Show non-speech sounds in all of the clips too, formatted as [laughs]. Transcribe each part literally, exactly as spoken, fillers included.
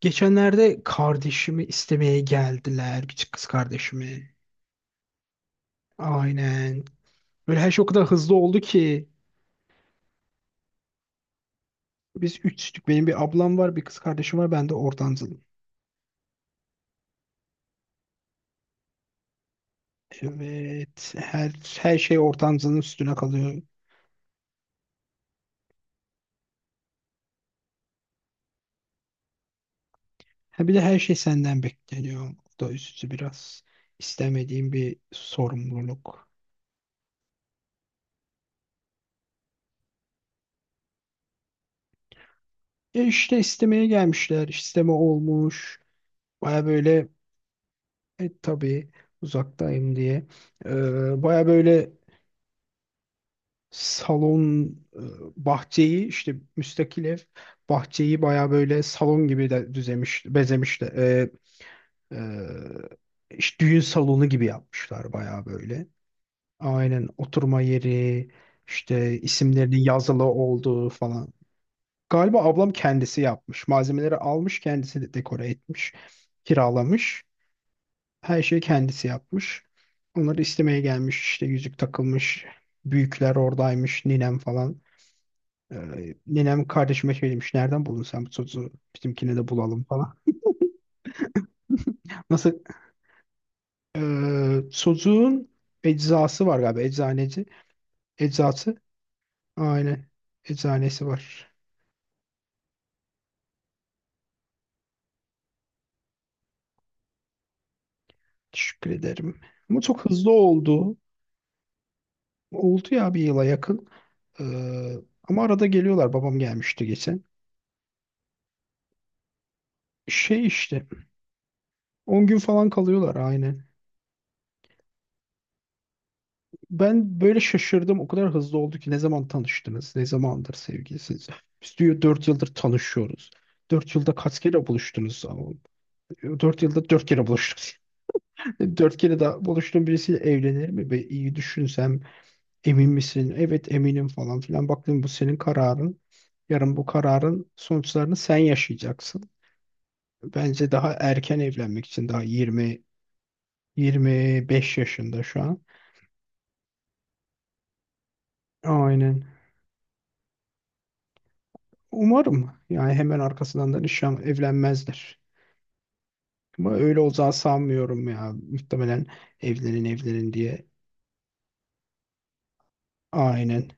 Geçenlerde kardeşimi istemeye geldiler. Bir kız kardeşimi. Aynen. Böyle her şey o kadar hızlı oldu ki. Biz üçtük. Benim bir ablam var, bir kız kardeşim var. Ben de ortancılım. Evet. Her, her şey ortancılığın üstüne kalıyor. Ha, bir de her şey senden bekleniyor. O da üstü biraz istemediğim bir sorumluluk. E işte istemeye gelmişler. İsteme olmuş. Baya böyle e, tabii uzaktayım diye. Ee, baya böyle salon e, bahçeyi işte müstakil ev bahçeyi baya böyle salon gibi de düzemiş bezemiş de e, e, işte düğün salonu gibi yapmışlar baya böyle. Aynen oturma yeri işte isimlerinin yazılı olduğu falan. Galiba ablam kendisi yapmış. Malzemeleri almış kendisi de dekore etmiş. Kiralamış. Her şeyi kendisi yapmış. Onları istemeye gelmiş işte yüzük takılmış. Büyükler oradaymış ninem falan. Ee, nenem kardeşime şey demiş. Nereden buldun sen bu sosu? Bizimkine de bulalım falan. Nasıl? Ee, sosuğun eczası var galiba. Eczaneci. Eczası. Aynen. Eczanesi var. Teşekkür ederim. Ama çok hızlı oldu. Oldu ya bir yıla yakın. Ee, Ama arada geliyorlar. Babam gelmişti geçen. Şey işte. On gün falan kalıyorlar aynen. Ben böyle şaşırdım. O kadar hızlı oldu ki ne zaman tanıştınız? Ne zamandır sevgilisiniz? Biz diyor dört yıldır tanışıyoruz. Dört yılda kaç kere buluştunuz? Dört yılda dört kere buluştuk. [laughs] Dört kere daha buluştuğum birisiyle evlenir mi? Be, iyi düşünsem emin misin? Evet eminim falan filan. Baktım bu senin kararın. Yarın bu kararın sonuçlarını sen yaşayacaksın. Bence daha erken evlenmek için daha yirmi yirmi beş yaşında şu an. Aynen. Umarım yani hemen arkasından da nişan evlenmezler. Ama öyle olacağı sanmıyorum ya. Muhtemelen evlenin evlenin diye. Aynen.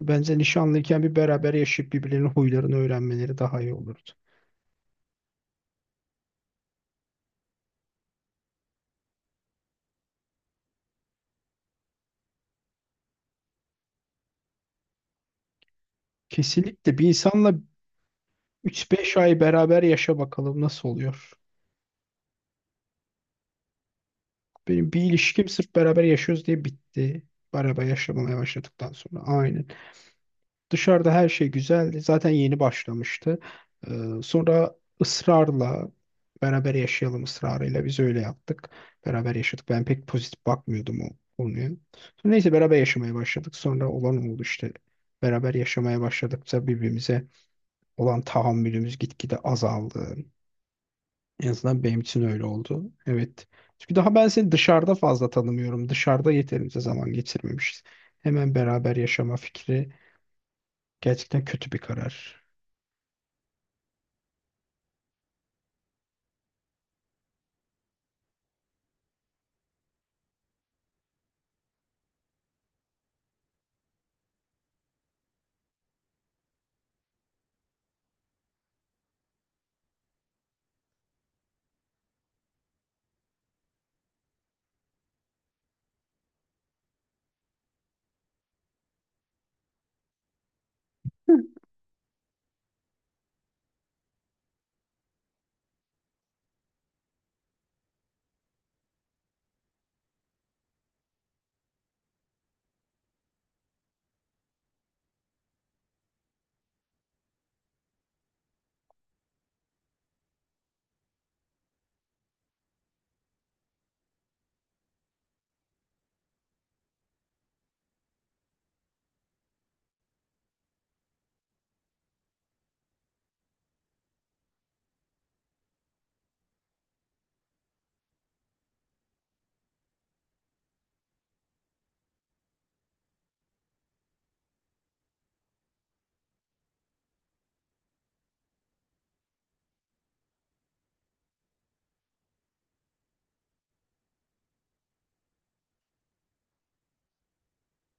Bence nişanlıyken bir beraber yaşayıp birbirlerinin huylarını öğrenmeleri daha iyi olurdu. Kesinlikle bir insanla üç beş ay beraber yaşa bakalım nasıl oluyor. Benim bir ilişkim sırf beraber yaşıyoruz diye bitti. Beraber yaşamaya başladıktan sonra. Aynen. Dışarıda her şey güzeldi. Zaten yeni başlamıştı. Ee, Sonra ısrarla beraber yaşayalım ısrarıyla biz öyle yaptık. Beraber yaşadık. Ben pek pozitif bakmıyordum o konuya. Sonra neyse beraber yaşamaya başladık. Sonra olan oldu işte. Beraber yaşamaya başladıkça birbirimize olan tahammülümüz gitgide azaldı. En azından benim için öyle oldu. Evet. Çünkü daha ben seni dışarıda fazla tanımıyorum. Dışarıda yeterince zaman geçirmemişiz. Hemen beraber yaşama fikri gerçekten kötü bir karar.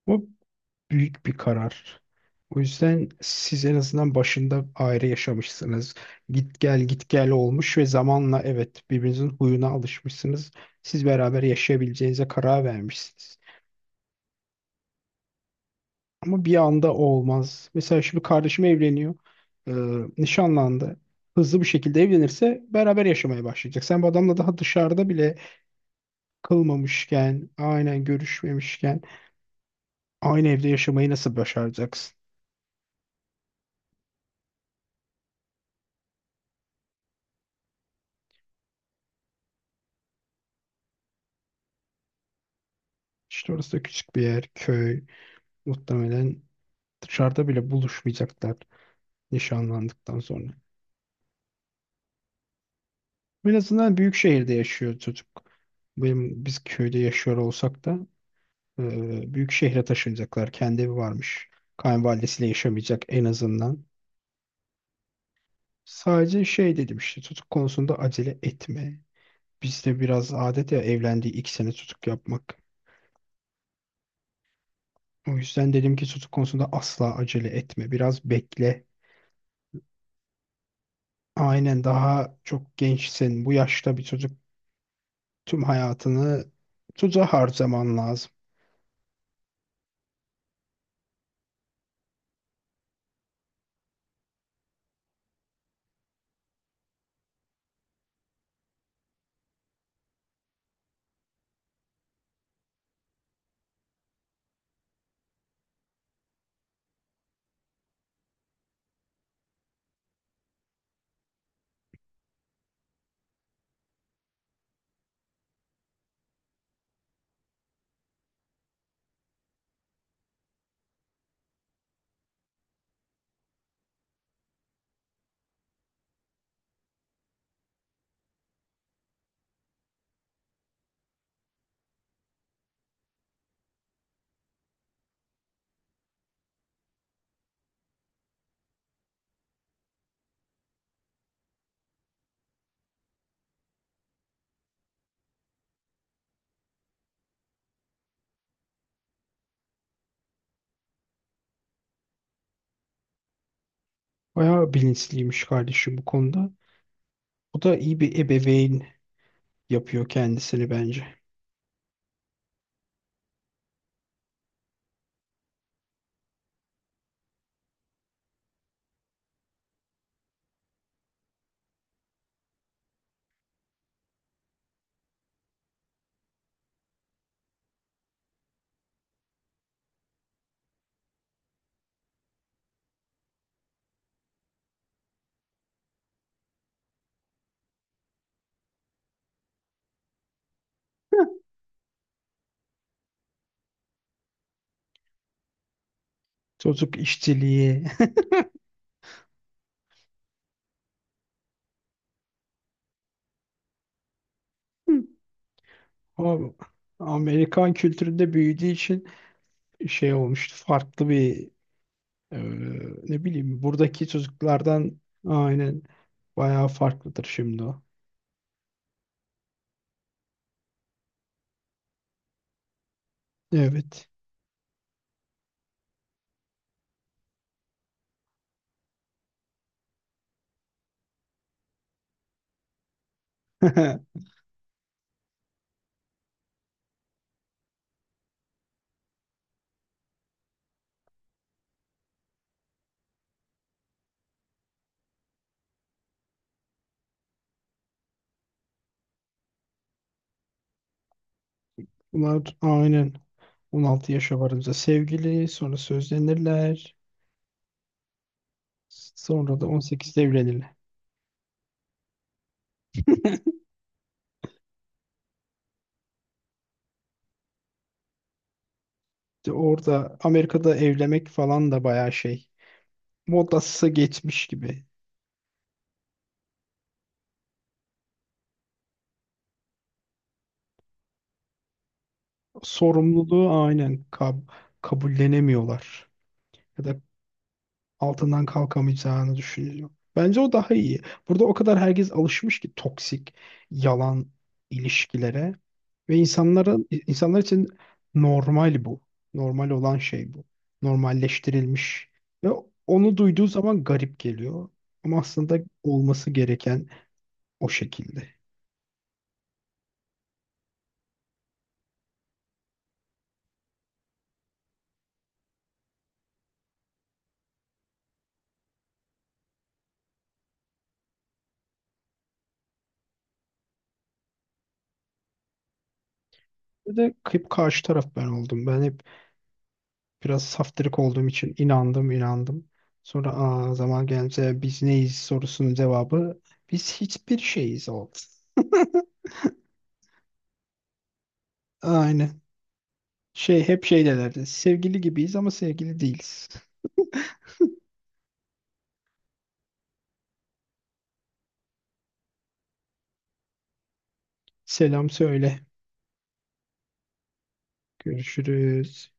Bu büyük bir karar. O yüzden siz en azından başında ayrı yaşamışsınız. Git gel git gel olmuş ve zamanla evet birbirinizin huyuna alışmışsınız. Siz beraber yaşayabileceğinize karar vermişsiniz. Ama bir anda o olmaz. Mesela şimdi kardeşim evleniyor. Ee, Nişanlandı. Hızlı bir şekilde evlenirse beraber yaşamaya başlayacak. Sen bu adamla daha dışarıda bile kılmamışken, aynen görüşmemişken aynı evde yaşamayı nasıl başaracaksın? İşte orası da küçük bir yer, köy. Muhtemelen dışarıda bile buluşmayacaklar nişanlandıktan sonra. En azından büyük şehirde yaşıyor çocuk. Benim, biz köyde yaşıyor olsak da e, büyük şehre taşınacaklar. Kendi evi varmış. Kayınvalidesiyle yaşamayacak en azından. Sadece şey dedim işte çocuk konusunda acele etme. Bizde biraz adet ya evlendiği iki sene çocuk yapmak. O yüzden dedim ki çocuk konusunda asla acele etme. Biraz bekle. Aynen daha çok gençsin. Bu yaşta bir çocuk tüm hayatını tuza harcaman lazım. Bayağı bilinçliymiş kardeşim bu konuda. O da iyi bir ebeveyn yapıyor kendisini bence. [laughs] Çocuk işçiliği. [laughs] Ama Amerikan kültüründe büyüdüğü için şey olmuştu. Farklı bir e, ne bileyim buradaki çocuklardan aynen bayağı farklıdır şimdi o. Evet. [laughs] Bunlar aynen on altı yaşa varınca sevgili sonra sözlenirler. Sonra da on sekizde evlenirler. İşte orada Amerika'da evlenmek falan da bayağı şey. Modası geçmiş gibi. Sorumluluğu aynen kab- kabullenemiyorlar. Ya da altından kalkamayacağını düşünüyor. Bence o daha iyi. Burada o kadar herkes alışmış ki toksik, yalan ilişkilere. Ve insanların insanlar için normal bu. Normal olan şey bu. Normalleştirilmiş. Ve onu duyduğu zaman garip geliyor. Ama aslında olması gereken o şekilde. Bir de hep karşı taraf ben oldum. Ben hep biraz saftirik olduğum için inandım inandım. Sonra aa, zaman gelince biz neyiz sorusunun cevabı biz hiçbir şeyiz oldu. [laughs] Aynen. Şey hep şey derlerdi. Sevgili gibiyiz ama sevgili değiliz. Selam söyle. Görüşürüz.